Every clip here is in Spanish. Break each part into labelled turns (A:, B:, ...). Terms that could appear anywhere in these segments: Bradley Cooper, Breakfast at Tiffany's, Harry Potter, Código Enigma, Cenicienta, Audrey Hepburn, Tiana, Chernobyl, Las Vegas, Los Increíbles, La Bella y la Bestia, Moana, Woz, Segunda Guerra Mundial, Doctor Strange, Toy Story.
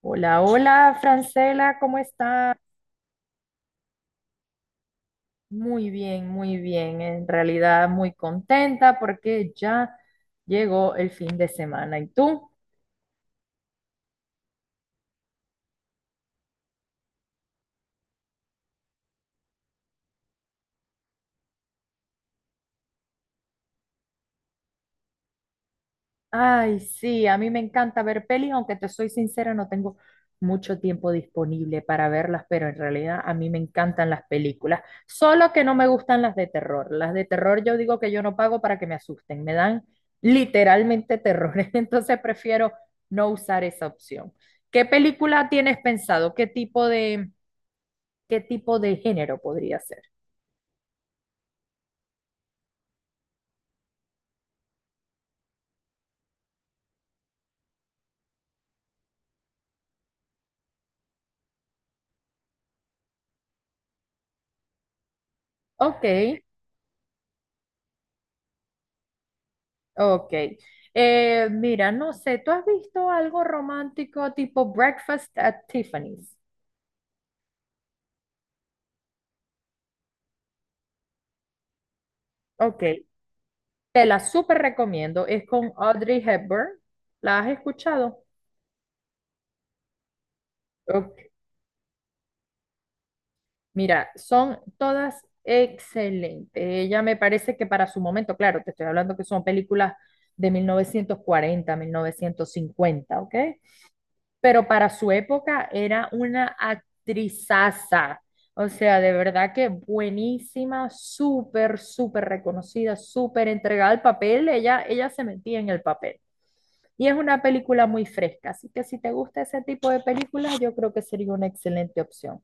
A: Hola, hola, Francela, ¿cómo estás? Muy bien, muy bien. En realidad, muy contenta porque ya llegó el fin de semana. ¿Y tú? Ay, sí, a mí me encanta ver pelis, aunque te soy sincera, no tengo mucho tiempo disponible para verlas, pero en realidad a mí me encantan las películas, solo que no me gustan las de terror. Las de terror yo digo que yo no pago para que me asusten, me dan literalmente terror, entonces prefiero no usar esa opción. ¿Qué película tienes pensado? ¿Qué tipo de género podría ser? Ok. Ok. Mira, no sé, ¿tú has visto algo romántico tipo Breakfast at Tiffany's? Ok. Te la súper recomiendo. Es con Audrey Hepburn. ¿La has escuchado? Ok. Mira, son todas excelentes. Ella me parece que para su momento, claro, te estoy hablando que son películas de mil novecientos cuarenta, 1950, ¿ok? Pero para su época era una actrizaza. O sea, de verdad que buenísima, súper, súper reconocida, súper entregada al papel. Ella se metía en el papel. Y es una película muy fresca, así que si te gusta ese tipo de películas, yo creo que sería una excelente opción.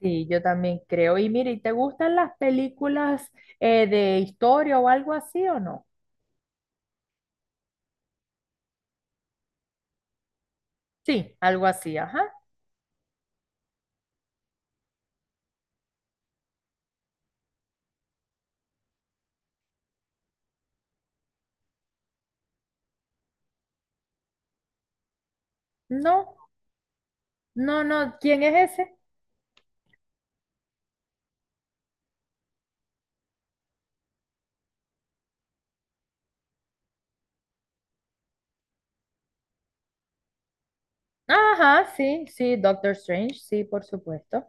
A: Sí, yo también creo. Y mire, ¿te gustan las películas de historia o algo así o no? Sí, algo así, ajá. No, no, no. ¿Quién es ese? Ajá, sí, sí, Doctor Strange, sí, por supuesto.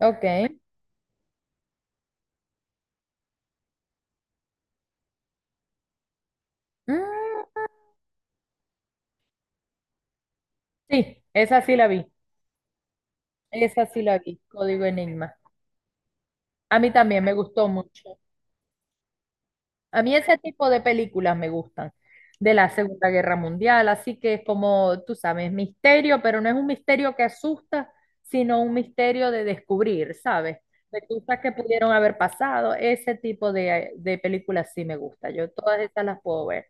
A: Ok. Mm, sí, esa sí la vi. Esa sí la vi, Código Enigma. A mí también me gustó mucho. A mí ese tipo de películas me gustan, de la Segunda Guerra Mundial, así que es como, tú sabes, misterio, pero no es un misterio que asusta, sino un misterio de descubrir, ¿sabes? De cosas que pudieron haber pasado. Ese tipo de películas sí me gusta. Yo todas esas las puedo ver.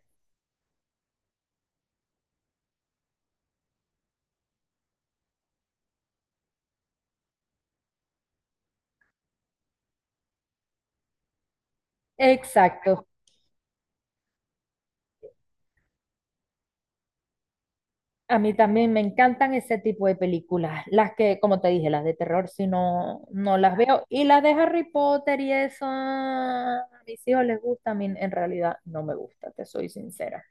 A: Exacto. A mí también me encantan ese tipo de películas, las que, como te dije, las de terror, si no, no las veo. Y las de Harry Potter y eso, ah, a mis hijos les gusta, a mí en realidad no me gusta, te soy sincera.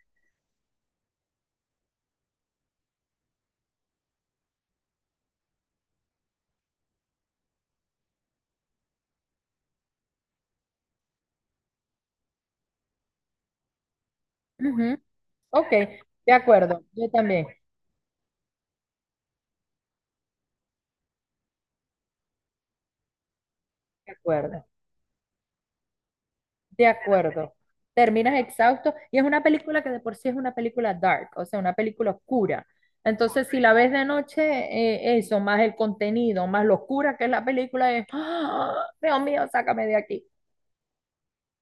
A: Ujú. Ok, de acuerdo, yo también, de acuerdo, de acuerdo. Terminas exhausto y es una película que de por sí es una película dark, o sea, una película oscura. Entonces, si la ves de noche, eso, más el contenido, más lo oscura que es la película, es, ¡ah, Dios mío, sácame de aquí!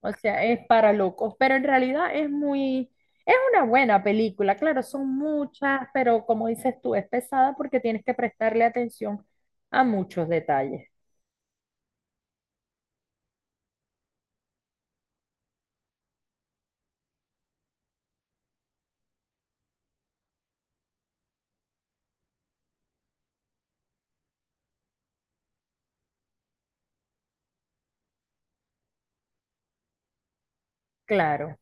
A: O sea, es para locos, pero en realidad es muy, es una buena película. Claro, son muchas, pero como dices tú, es pesada porque tienes que prestarle atención a muchos detalles. Claro,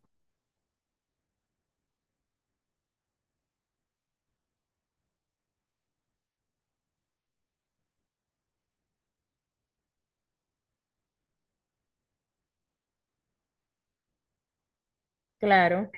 A: claro.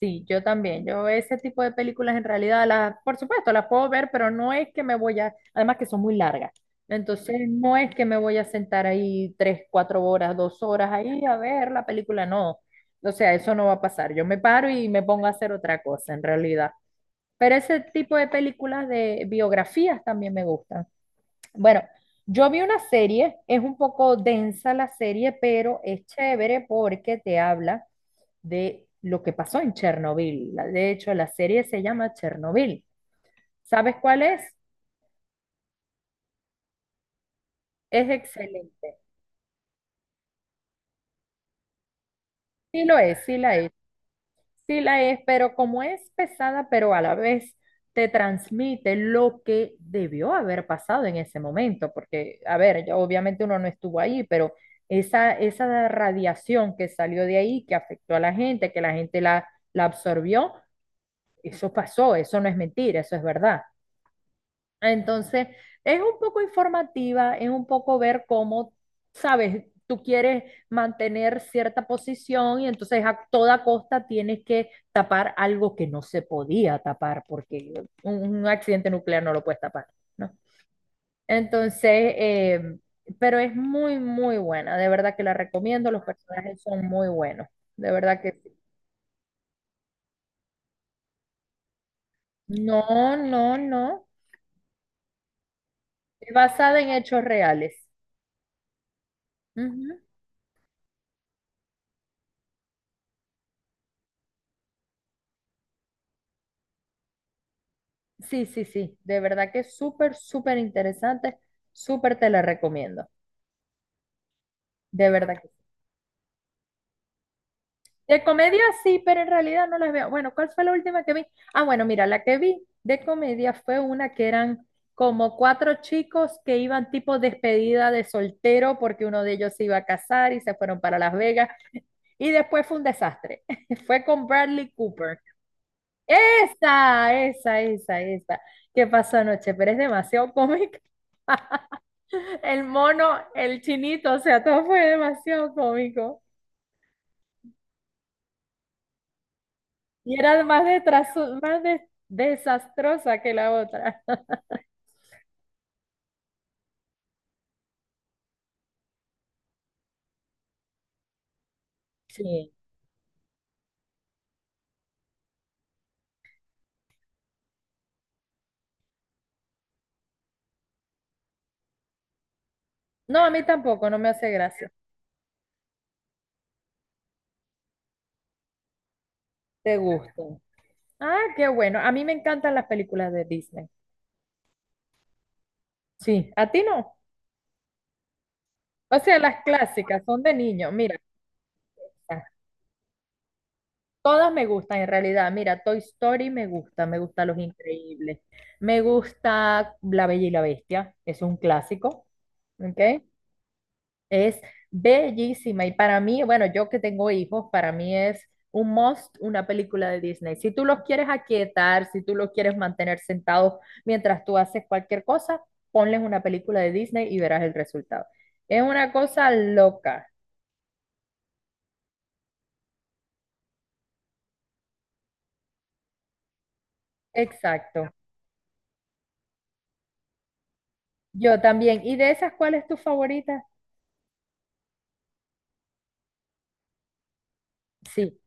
A: Sí, yo también. Yo ese tipo de películas en realidad las, por supuesto, las puedo ver, pero no es que me voy a, además que son muy largas. Entonces, no es que me voy a sentar ahí 3, 4 horas, 2 horas ahí a ver la película, no. O sea, eso no va a pasar. Yo me paro y me pongo a hacer otra cosa en realidad. Pero ese tipo de películas de biografías también me gustan. Bueno, yo vi una serie, es un poco densa la serie, pero es chévere porque te habla de lo que pasó en Chernobyl. De hecho, la serie se llama Chernobyl. ¿Sabes cuál es? Es excelente. Sí lo es, sí la es, pero como es pesada, pero a la vez te transmite lo que debió haber pasado en ese momento, porque, a ver, ya obviamente uno no estuvo ahí, pero esa radiación que salió de ahí, que afectó a la gente, que la gente la, la absorbió, eso pasó, eso no es mentira, eso es verdad. Entonces, es un poco informativa, es un poco ver cómo, sabes, tú quieres mantener cierta posición y entonces a toda costa tienes que tapar algo que no se podía tapar porque un accidente nuclear no lo puedes tapar, ¿no? Entonces, eh, pero es muy, muy buena, de verdad que la recomiendo, los personajes son muy buenos, de verdad que sí. No, no, no, es basada en hechos reales. Ujú. Sí, sí, sí, de verdad que es súper, súper interesante, súper te la recomiendo, de verdad que sí. De comedia sí, pero en realidad no las veo. Bueno, ¿cuál fue la última que vi? Ah, bueno, mira, la que vi de comedia fue una que eran como cuatro chicos que iban tipo despedida de soltero porque uno de ellos se iba a casar y se fueron para Las Vegas y después fue un desastre. Fue con Bradley Cooper. Esa, esa, esa, esa. ¿Qué pasó anoche? Pero es demasiado cómica. El mono, el chinito, o sea, todo fue demasiado cómico. Y era más, desastrosa que la otra. Sí. No, a mí tampoco, no me hace gracia. ¿Te gusta? Ah, qué bueno. A mí me encantan las películas de Disney. Sí. ¿A ti no? O sea, las clásicas son de niño. Mira, todas me gustan en realidad. Mira, Toy Story me gusta Los Increíbles. Me gusta La Bella y la Bestia, es un clásico, ¿ok? Es bellísima y para mí, bueno, yo que tengo hijos, para mí es un must una película de Disney. Si tú los quieres aquietar, si tú los quieres mantener sentados mientras tú haces cualquier cosa, ponles una película de Disney y verás el resultado. Es una cosa loca. Exacto. Yo también. ¿Y de esas cuál es tu favorita? Sí,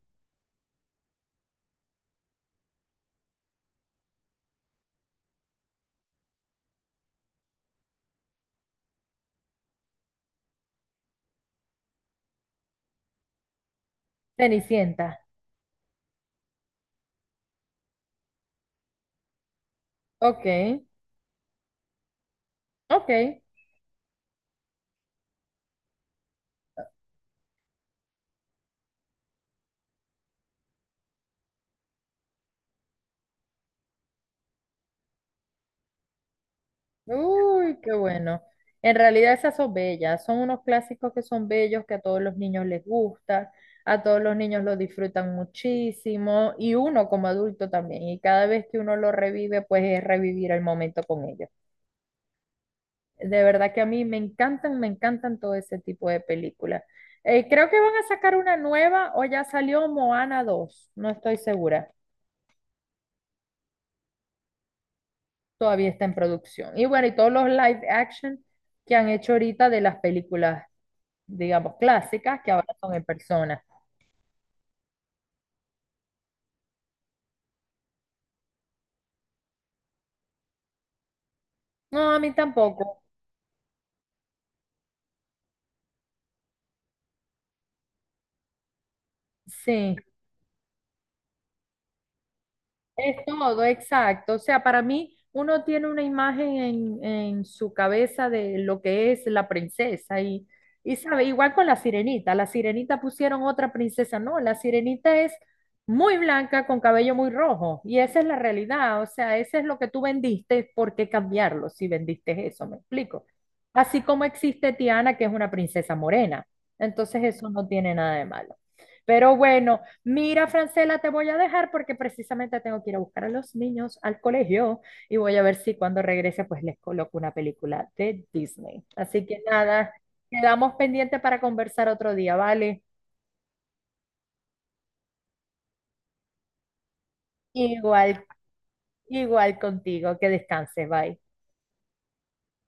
A: Cenicienta. Ok, ok. Uy, qué bueno. En realidad esas son bellas, son unos clásicos que son bellos, que a todos los niños les gusta, a todos los niños lo disfrutan muchísimo y uno como adulto también. Y cada vez que uno lo revive, pues es revivir el momento con ellos. De verdad que a mí me encantan todo ese tipo de películas. Creo que van a sacar una nueva o ya salió Moana 2, no estoy segura. Todavía está en producción. Y bueno, y todos los live action que han hecho ahorita de las películas, digamos, clásicas, que ahora son en persona. No, a mí tampoco. Sí. Es todo, exacto. O sea, para mí uno tiene una imagen en su cabeza de lo que es la princesa y sabe, igual con la sirenita. La sirenita pusieron otra princesa, no, la sirenita es muy blanca con cabello muy rojo y esa es la realidad. O sea, ese es lo que tú vendiste, ¿por qué cambiarlo si vendiste eso? ¿Me explico? Así como existe Tiana, que es una princesa morena. Entonces eso no tiene nada de malo. Pero bueno. Mira, Francela, te voy a dejar porque precisamente tengo que ir a buscar a los niños al colegio y voy a ver si cuando regrese pues les coloco una película de Disney. Así que nada, quedamos pendientes para conversar otro día, ¿vale? Igual, igual contigo, que descanses, bye.